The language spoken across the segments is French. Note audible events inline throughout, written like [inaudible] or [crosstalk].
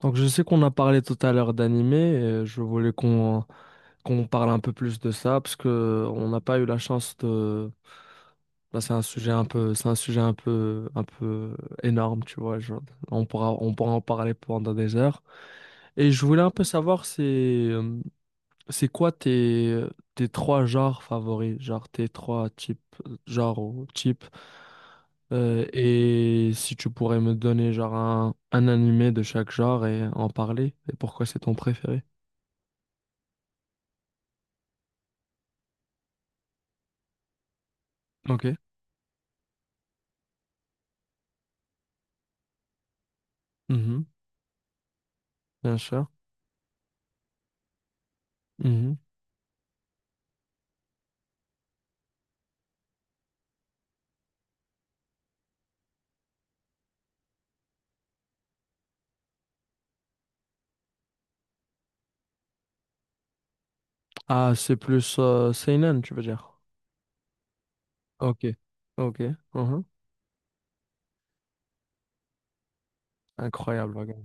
Donc je sais qu'on a parlé tout à l'heure d'animé, et je voulais qu'on parle un peu plus de ça parce que on n'a pas eu la chance de. Là, c'est un sujet un peu, c'est un sujet un peu énorme, tu vois. Genre, on pourra en parler pendant des heures. Et je voulais un peu savoir si, c'est quoi tes, tes trois genres favoris, genre tes trois types, genres ou types, et si tu pourrais me donner genre un animé de chaque genre et en parler, et pourquoi c'est ton préféré? Ok. Mhm. Bien sûr. Mhm. Ah, c'est plus seinen, tu veux dire? Ok. Ok. Mhm. Incroyable, regarde.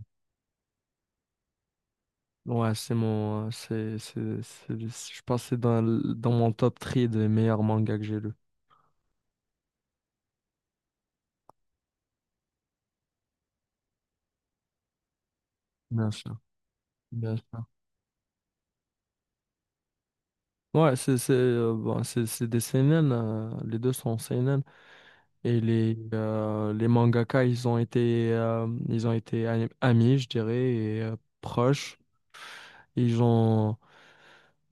Ouais, c'est mon, je pense que c'est dans, dans mon top 3 des meilleurs mangas que j'ai lu. Bien sûr. Bien sûr. Ouais, c'est bon, c'est des seinen, les deux sont seinen et les mangaka ils ont été amis je dirais et proches. Ils ont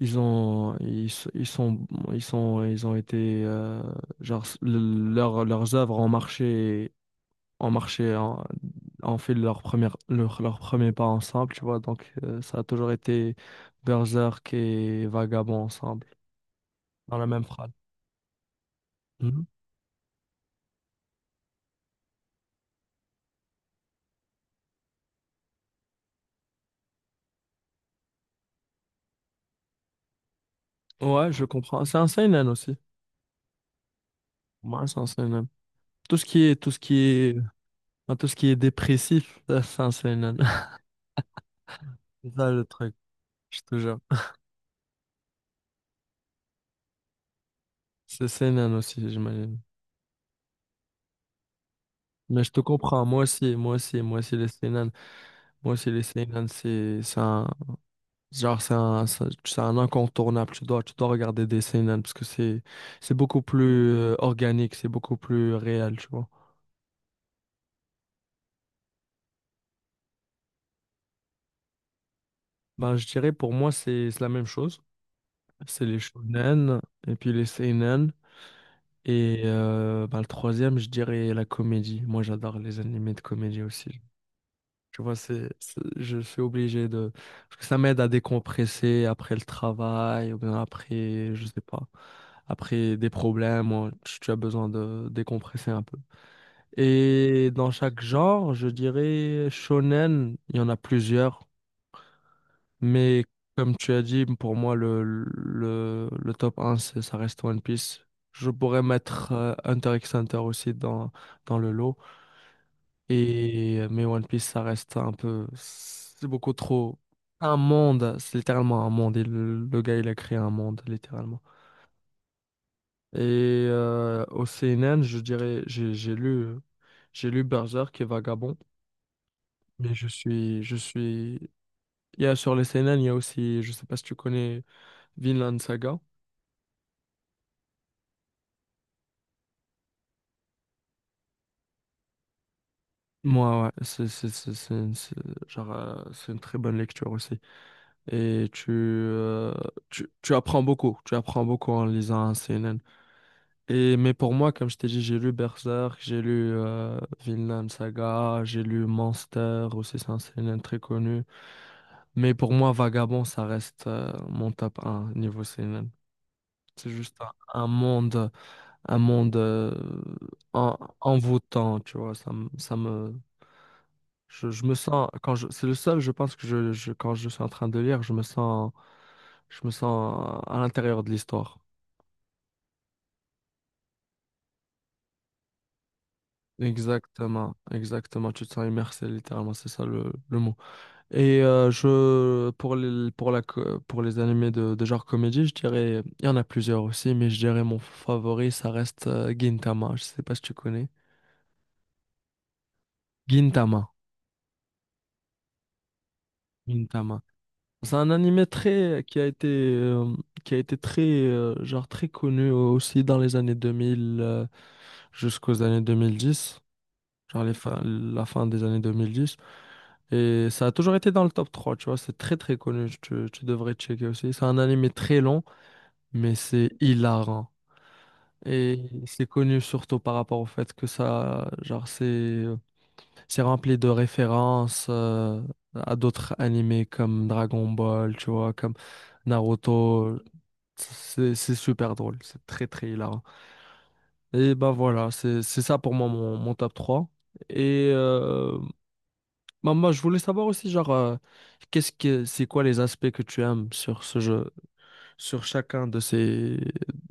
ils ont ils, s- ils sont ils sont ils ont été genre s- le- leurs œuvres ont marché, ont marché en, ont fait leur première, leur premier pas ensemble, tu vois. Donc ça a toujours été Berserk et Vagabond ensemble dans la même phrase. Ouais, je comprends. C'est un seinen aussi. Ouais, c'est un seinen. Tout ce qui est, tout ce qui est, enfin, tout ce qui est dépressif, [laughs] ça, c'est un seinen. [laughs] C'est ça le truc, je te jure. C'est seinen aussi, j'imagine. Mais je te comprends, moi aussi, moi aussi, moi aussi les seinen. Moi aussi les seinen, c'est un, genre, c'est un incontournable. Tu dois regarder des seinen parce que c'est beaucoup plus organique, c'est beaucoup plus réel, tu vois. Ben, je dirais pour moi, c'est la même chose. C'est les shonen et puis les seinen. Et bah, le troisième, je dirais la comédie. Moi, j'adore les animés de comédie aussi. Tu vois, je suis obligé de. Parce que ça m'aide à décompresser après le travail ou bien après, je sais pas, après des problèmes. Ou tu as besoin de décompresser un peu. Et dans chaque genre, je dirais shonen, il y en a plusieurs. Mais comme tu as dit, pour moi, le top un ça reste One Piece. Je pourrais mettre Hunter x Hunter aussi dans, dans le lot. Et, mais One Piece, ça reste un peu. C'est beaucoup trop. Un monde, c'est littéralement un monde. Et le gars, il a créé un monde, littéralement. Et au CNN, je dirais, j'ai lu, j'ai lu Berserk et Vagabond. Mais je suis... Il y a sur les CNN, il y a aussi, je sais pas si tu connais Vinland Saga. Moi, ouais, genre, c'est une très bonne lecture aussi. Et tu, tu apprends beaucoup, tu apprends beaucoup en lisant un CNN. Et, mais pour moi, comme je t'ai dit, j'ai lu Berserk, j'ai lu Vinland Saga, j'ai lu Monster, aussi c'est un CNN très connu. Mais pour moi, Vagabond, ça reste mon top 1 niveau CNN. C'est juste un monde envoûtant, tu vois, ça, ça me. Je me sens, quand je, c'est le seul, je pense que quand je suis en train de lire, je me sens à l'intérieur de l'histoire. Exactement, exactement. Tu te sens immersé, littéralement, c'est ça le mot. Et je, pour les, pour la, co- pour les animés de genre comédie, je dirais, il y en a plusieurs aussi, mais je dirais mon favori, ça reste Gintama. Je sais pas si tu connais. Gintama. Gintama. C'est un animé très qui a été très genre très connu aussi dans les années 2000, jusqu'aux années 2010, genre la fin des années 2010, et ça a toujours été dans le top trois, tu vois, c'est très très connu, tu devrais checker aussi. C'est un animé très long mais c'est hilarant et c'est connu surtout par rapport au fait que ça, genre, c'est rempli de références à d'autres animés comme Dragon Ball, tu vois, comme Naruto. C'est super drôle, c'est très très hilarant. Et ben voilà, c'est ça pour moi mon top trois. Et ben, moi je voulais savoir aussi genre qu'est-ce que c'est quoi les aspects que tu aimes sur ce jeu, sur chacun de ces,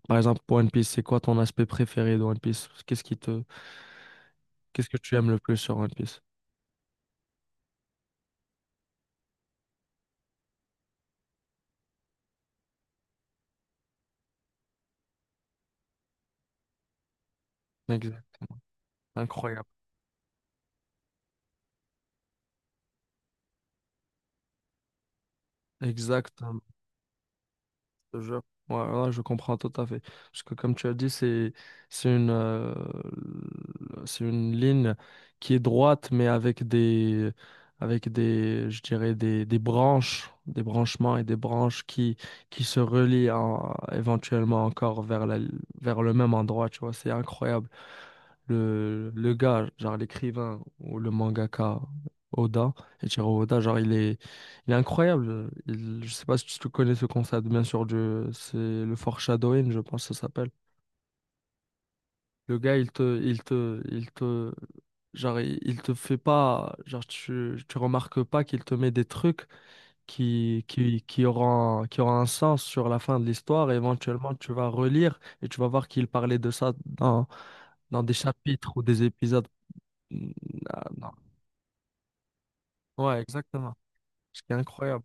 par exemple pour One Piece, c'est quoi ton aspect préféré de One Piece? Qu'est-ce qui te qu'est-ce que tu aimes le plus sur One Piece? Exact. Incroyable. Exact. Te jure. Ouais, là, je comprends tout à fait. Parce que comme tu as dit, c'est une euh, c'est une ligne qui est droite, mais avec des, je dirais des branches, des branchements et des branches qui se relient éventuellement encore vers la vers le même endroit. Tu vois, c'est incroyable. Le gars, genre l'écrivain ou le mangaka Oda, Eiichiro Oda, genre il est incroyable. Je sais pas si tu connais ce concept, bien sûr, du, c'est le foreshadowing, je pense que ça s'appelle. Le gars, il te, genre, il te fait pas, genre, tu remarques pas qu'il te met des trucs qui auront un sens sur la fin de l'histoire. Et éventuellement, tu vas relire et tu vas voir qu'il parlait de ça dans, dans des chapitres ou des épisodes. Mm, ah, non. Ouais, exactement. Ce qui est incroyable.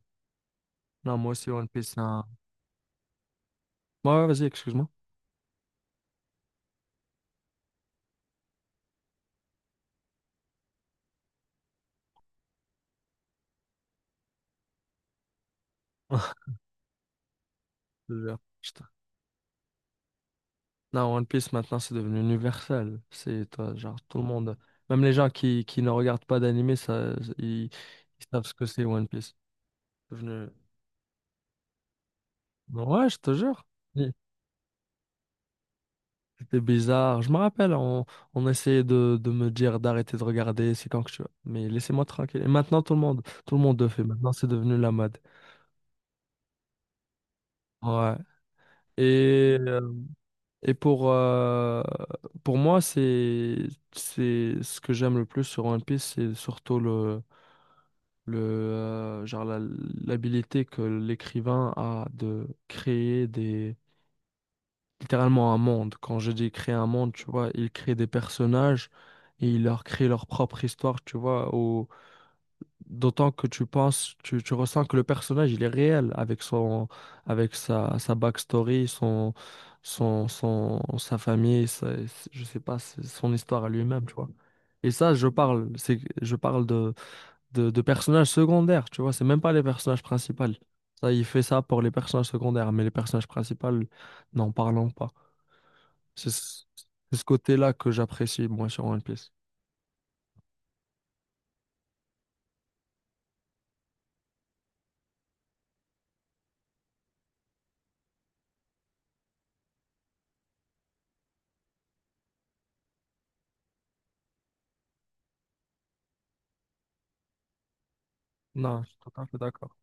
Non, moi aussi, One Piece, c'est un. Ouais, ouais, vas-y, excuse-moi. Genre, putain. Non, One Piece maintenant c'est devenu universel. C'est toi, genre tout le monde, même les gens qui ne regardent pas d'anime, ça, ils savent ce que c'est One Piece. C'est devenu- Ouais, je te jure. Oui. C'était bizarre. Je me rappelle, on essayait de me dire d'arrêter de regarder, c'est quand que tu veux. Mais laissez-moi tranquille. Et maintenant tout le monde le fait. Maintenant c'est devenu la mode. Ouais. Et, euh, et pour moi, c'est ce que j'aime le plus sur One Piece, c'est surtout le genre l'habilité que l'écrivain a de créer des, littéralement un monde. Quand je dis créer un monde, tu vois, il crée des personnages et il leur crée leur propre histoire, tu vois, d'autant que tu penses, tu ressens que le personnage il est réel avec sa backstory, son son son sa famille, je sais pas, son histoire à lui-même, tu vois. Et ça, je parle de de personnages secondaires, tu vois, c'est même pas les personnages principaux. Ça, il fait ça pour les personnages secondaires, mais les personnages principaux, n'en parlons pas. C'est ce c'est ce côté-là que j'apprécie, moi, sur One Piece. Non, je suis tout à fait d'accord.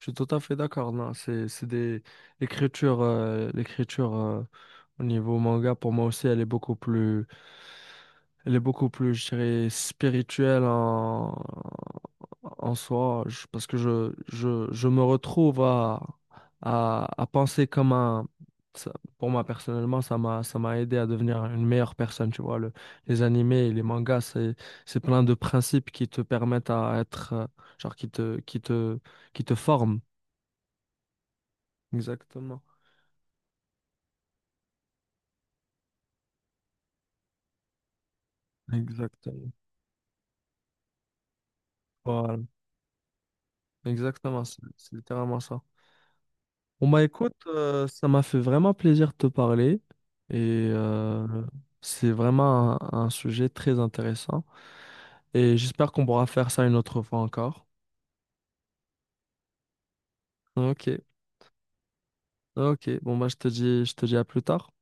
Je suis tout à fait d'accord. Non, c'est des l'écriture au niveau manga pour moi aussi elle est beaucoup plus, je dirais, spirituelle en soi, parce que je me retrouve à à penser comme pour moi personnellement ça m'a aidé à devenir une meilleure personne, tu vois, les animés et les mangas c'est plein de principes qui te permettent à être genre qui te forme. Exactement. Exactement. Voilà. Exactement. C'est littéralement ça. Bon, bah écoute, ça m'a fait vraiment plaisir de te parler et c'est vraiment un sujet très intéressant et j'espère qu'on pourra faire ça une autre fois encore. Ok. Ok. Bon, bah je te dis à plus tard.